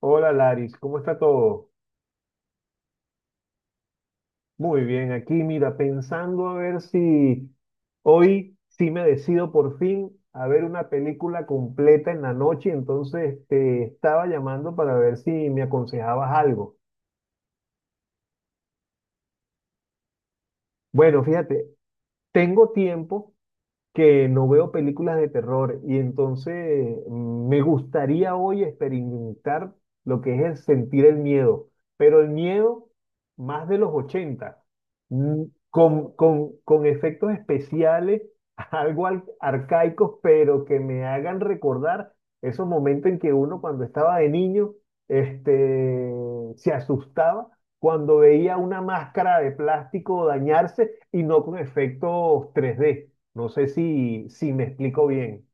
Hola Laris, ¿cómo está todo? Muy bien, aquí mira, pensando a ver si hoy sí me decido por fin a ver una película completa en la noche, entonces te estaba llamando para ver si me aconsejabas algo. Bueno, fíjate, tengo tiempo, que no veo películas de terror y entonces me gustaría hoy experimentar lo que es el sentir el miedo, pero el miedo más de los 80 mm, con efectos especiales, algo arcaicos, pero que me hagan recordar esos momentos en que uno, cuando estaba de niño, este, se asustaba, cuando veía una máscara de plástico dañarse y no con efectos 3D. No sé si me explico bien.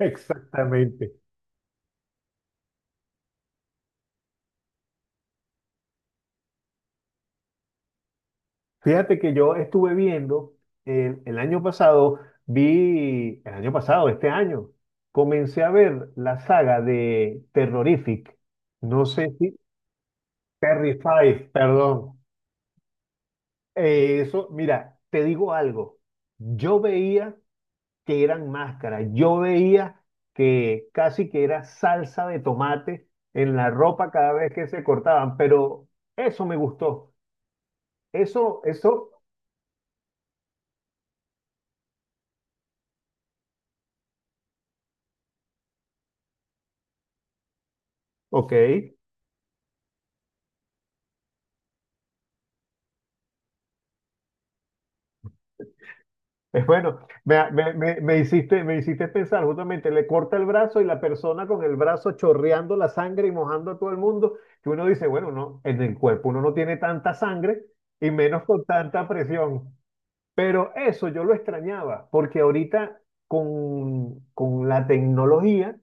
Exactamente. Fíjate que yo estuve viendo año pasado, vi el año pasado, este año comencé a ver la saga de Terrorific. No sé si... Terrified, perdón. Eso, mira, te digo algo. Yo veía que eran máscaras, yo veía que casi que era salsa de tomate en la ropa cada vez que se cortaban, pero eso me gustó. Eso, ok, es bueno. Me hiciste pensar. Justamente, le corta el brazo y la persona con el brazo chorreando la sangre y mojando a todo el mundo, que uno dice, bueno, no, en el cuerpo uno no tiene tanta sangre y menos con tanta presión. Pero eso yo lo extrañaba, porque ahorita con la tecnología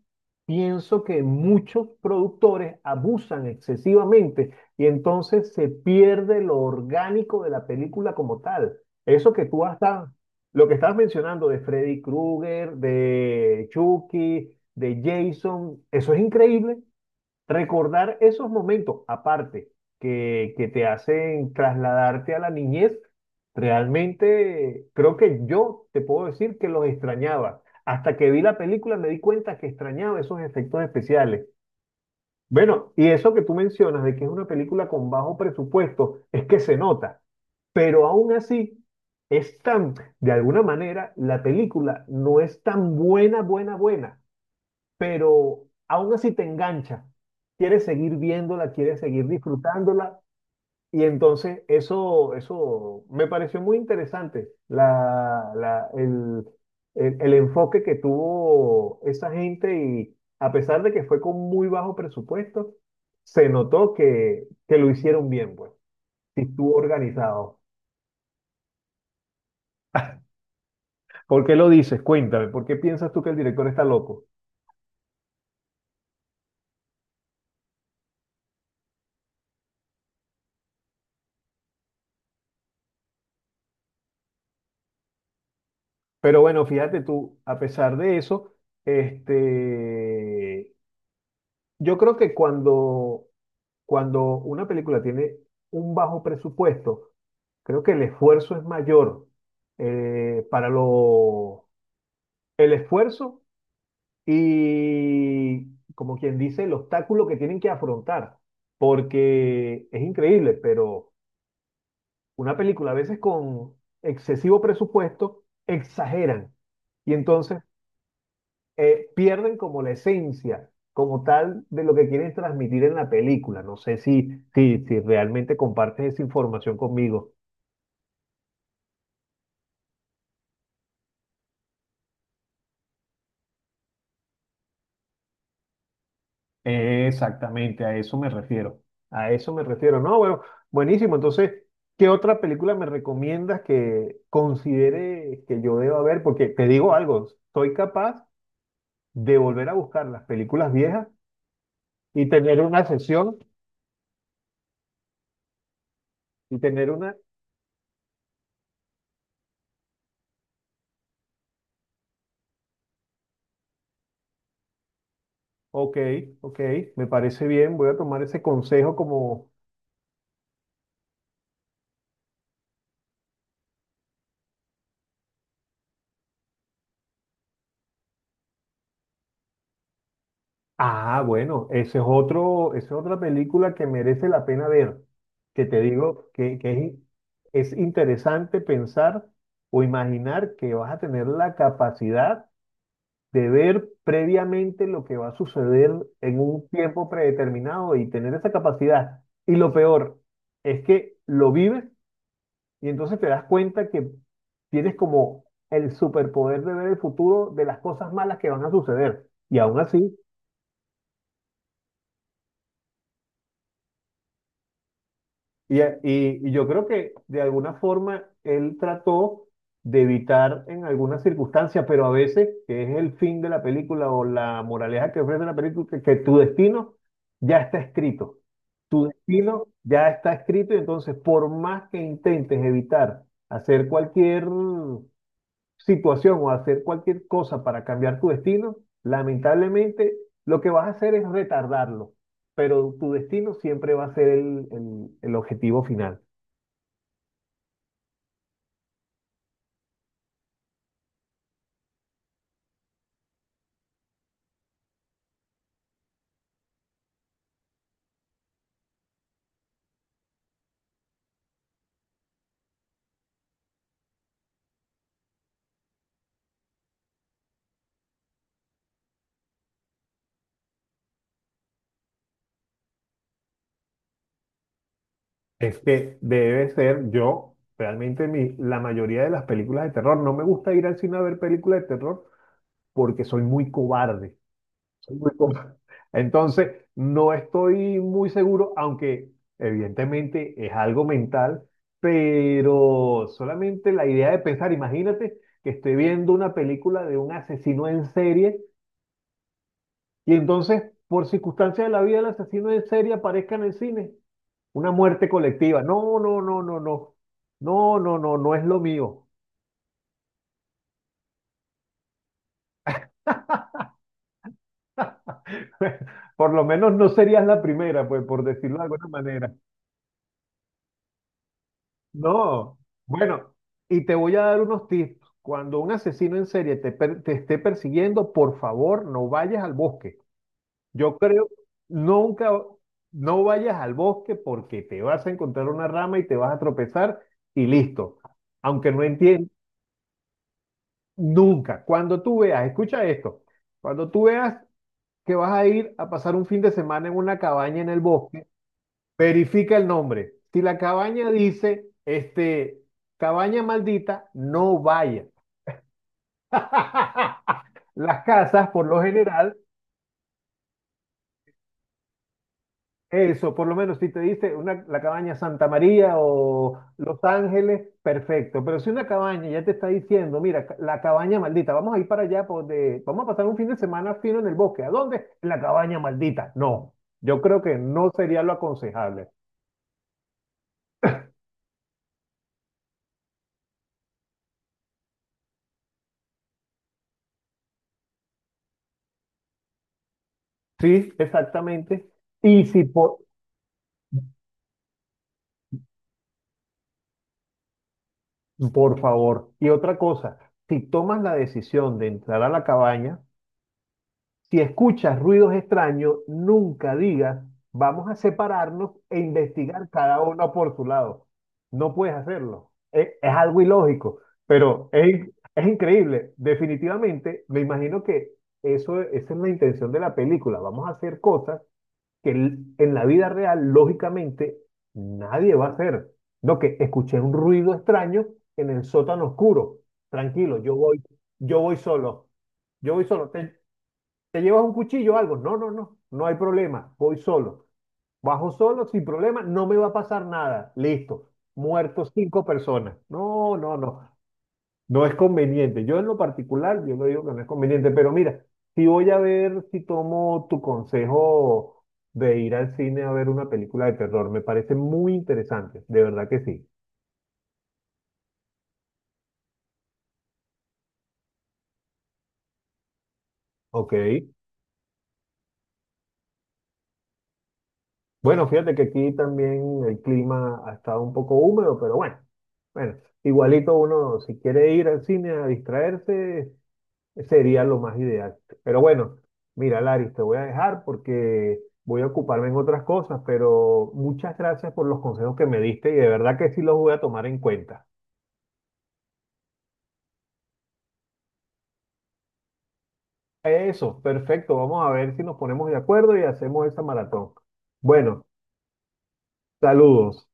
pienso que muchos productores abusan excesivamente y entonces se pierde lo orgánico de la película como tal. Eso que tú has dado, lo que estabas mencionando de Freddy Krueger, de Chucky, de Jason, eso es increíble. Recordar esos momentos, aparte, que te hacen trasladarte a la niñez, realmente creo que yo te puedo decir que los extrañaba. Hasta que vi la película me di cuenta que extrañaba esos efectos especiales. Bueno, y eso que tú mencionas de que es una película con bajo presupuesto, es que se nota, pero aún así es tan, de alguna manera, la película no es tan buena, buena, buena, pero aún así te engancha, quieres seguir viéndola, quieres seguir disfrutándola, y entonces eso me pareció muy interesante, el enfoque que tuvo esa gente, y a pesar de que fue con muy bajo presupuesto, se notó que lo hicieron bien, pues, y estuvo organizado. ¿Por qué lo dices? Cuéntame, ¿por qué piensas tú que el director está loco? Pero bueno, fíjate tú, a pesar de eso, este, yo creo que cuando, cuando una película tiene un bajo presupuesto, creo que el esfuerzo es mayor, para lo, el esfuerzo y, como quien dice, el obstáculo que tienen que afrontar, porque es increíble, pero una película a veces con excesivo presupuesto exageran. Y entonces, pierden como la esencia, como tal, de lo que quieren transmitir en la película. No sé si realmente compartes esa información conmigo. Exactamente, a eso me refiero. A eso me refiero. No, bueno, buenísimo. Entonces, ¿qué otra película me recomiendas que considere que yo deba ver? Porque te digo algo, soy capaz de volver a buscar las películas viejas y tener una sesión y tener una... Ok, ok, me parece bien, voy a tomar ese consejo como... Ah, bueno, ese es otro, esa es otra película que merece la pena ver, que te digo que es interesante pensar o imaginar que vas a tener la capacidad de ver previamente lo que va a suceder en un tiempo predeterminado y tener esa capacidad. Y lo peor es que lo vives y entonces te das cuenta que tienes como el superpoder de ver el futuro de las cosas malas que van a suceder. Y aún así... Y yo creo que de alguna forma él trató de evitar en algunas circunstancias, pero a veces, que es el fin de la película o la moraleja que ofrece la película, que tu destino ya está escrito. Tu destino ya está escrito, y entonces por más que intentes evitar hacer cualquier situación o hacer cualquier cosa para cambiar tu destino, lamentablemente lo que vas a hacer es retardarlo, pero tu destino siempre va a ser el objetivo final. Es que debe ser yo, realmente mi, la mayoría de las películas de terror, no me gusta ir al cine a ver películas de terror porque soy muy cobarde. Soy muy com- Entonces, no estoy muy seguro, aunque evidentemente es algo mental, pero solamente la idea de pensar, imagínate que estoy viendo una película de un asesino en serie y entonces, por circunstancias de la vida, el asesino en serie aparezca en el cine. Una muerte colectiva. No, no, no, no, no. No, no, no, no es lo mío. Por lo menos no serías la primera, pues, por decirlo de alguna manera. No, bueno, y te voy a dar unos tips. Cuando un asesino en serie te, te esté persiguiendo, por favor, no vayas al bosque. Yo creo, nunca, no vayas al bosque porque te vas a encontrar una rama y te vas a tropezar y listo. Aunque no entiendas, nunca. Cuando tú veas, escucha esto, cuando tú veas que vas a ir a pasar un fin de semana en una cabaña en el bosque, verifica el nombre. Si la cabaña dice, este, cabaña maldita, no vaya. Las casas, por lo general, eso, por lo menos si te dice una, la cabaña Santa María o Los Ángeles, perfecto. Pero si una cabaña ya te está diciendo, mira, la cabaña maldita, vamos a ir para allá, vamos a pasar un fin de semana fino en el bosque. ¿A dónde? En la cabaña maldita. No, yo creo que no sería lo aconsejable. Sí, exactamente. Y si, po- Por favor. Y otra cosa, si tomas la decisión de entrar a la cabaña, si escuchas ruidos extraños, nunca digas, vamos a separarnos e investigar cada uno por su lado. No puedes hacerlo. Es algo ilógico, pero es increíble. Definitivamente, me imagino que eso, esa es la intención de la película. Vamos a hacer cosas en la vida real, lógicamente, nadie va a hacer. No, que escuché un ruido extraño en el sótano oscuro. Tranquilo, yo voy solo. Yo voy solo. ¿Te llevas un cuchillo o algo? No, no, no, no hay problema. Voy solo. Bajo solo, sin problema, no me va a pasar nada. Listo. Muertos cinco personas. No, no, no. No es conveniente. Yo en lo particular, yo lo digo que no es conveniente, pero mira, si voy a ver, si tomo tu consejo de ir al cine a ver una película de terror, me parece muy interesante, de verdad que sí. Ok. Bueno, fíjate que aquí también el clima ha estado un poco húmedo, pero bueno, bueno, igualito uno, si quiere ir al cine a distraerse, sería lo más ideal. Pero bueno, mira, Laris, te voy a dejar porque voy a ocuparme en otras cosas, pero muchas gracias por los consejos que me diste y de verdad que sí los voy a tomar en cuenta. Eso, perfecto. Vamos a ver si nos ponemos de acuerdo y hacemos esa maratón. Bueno, saludos.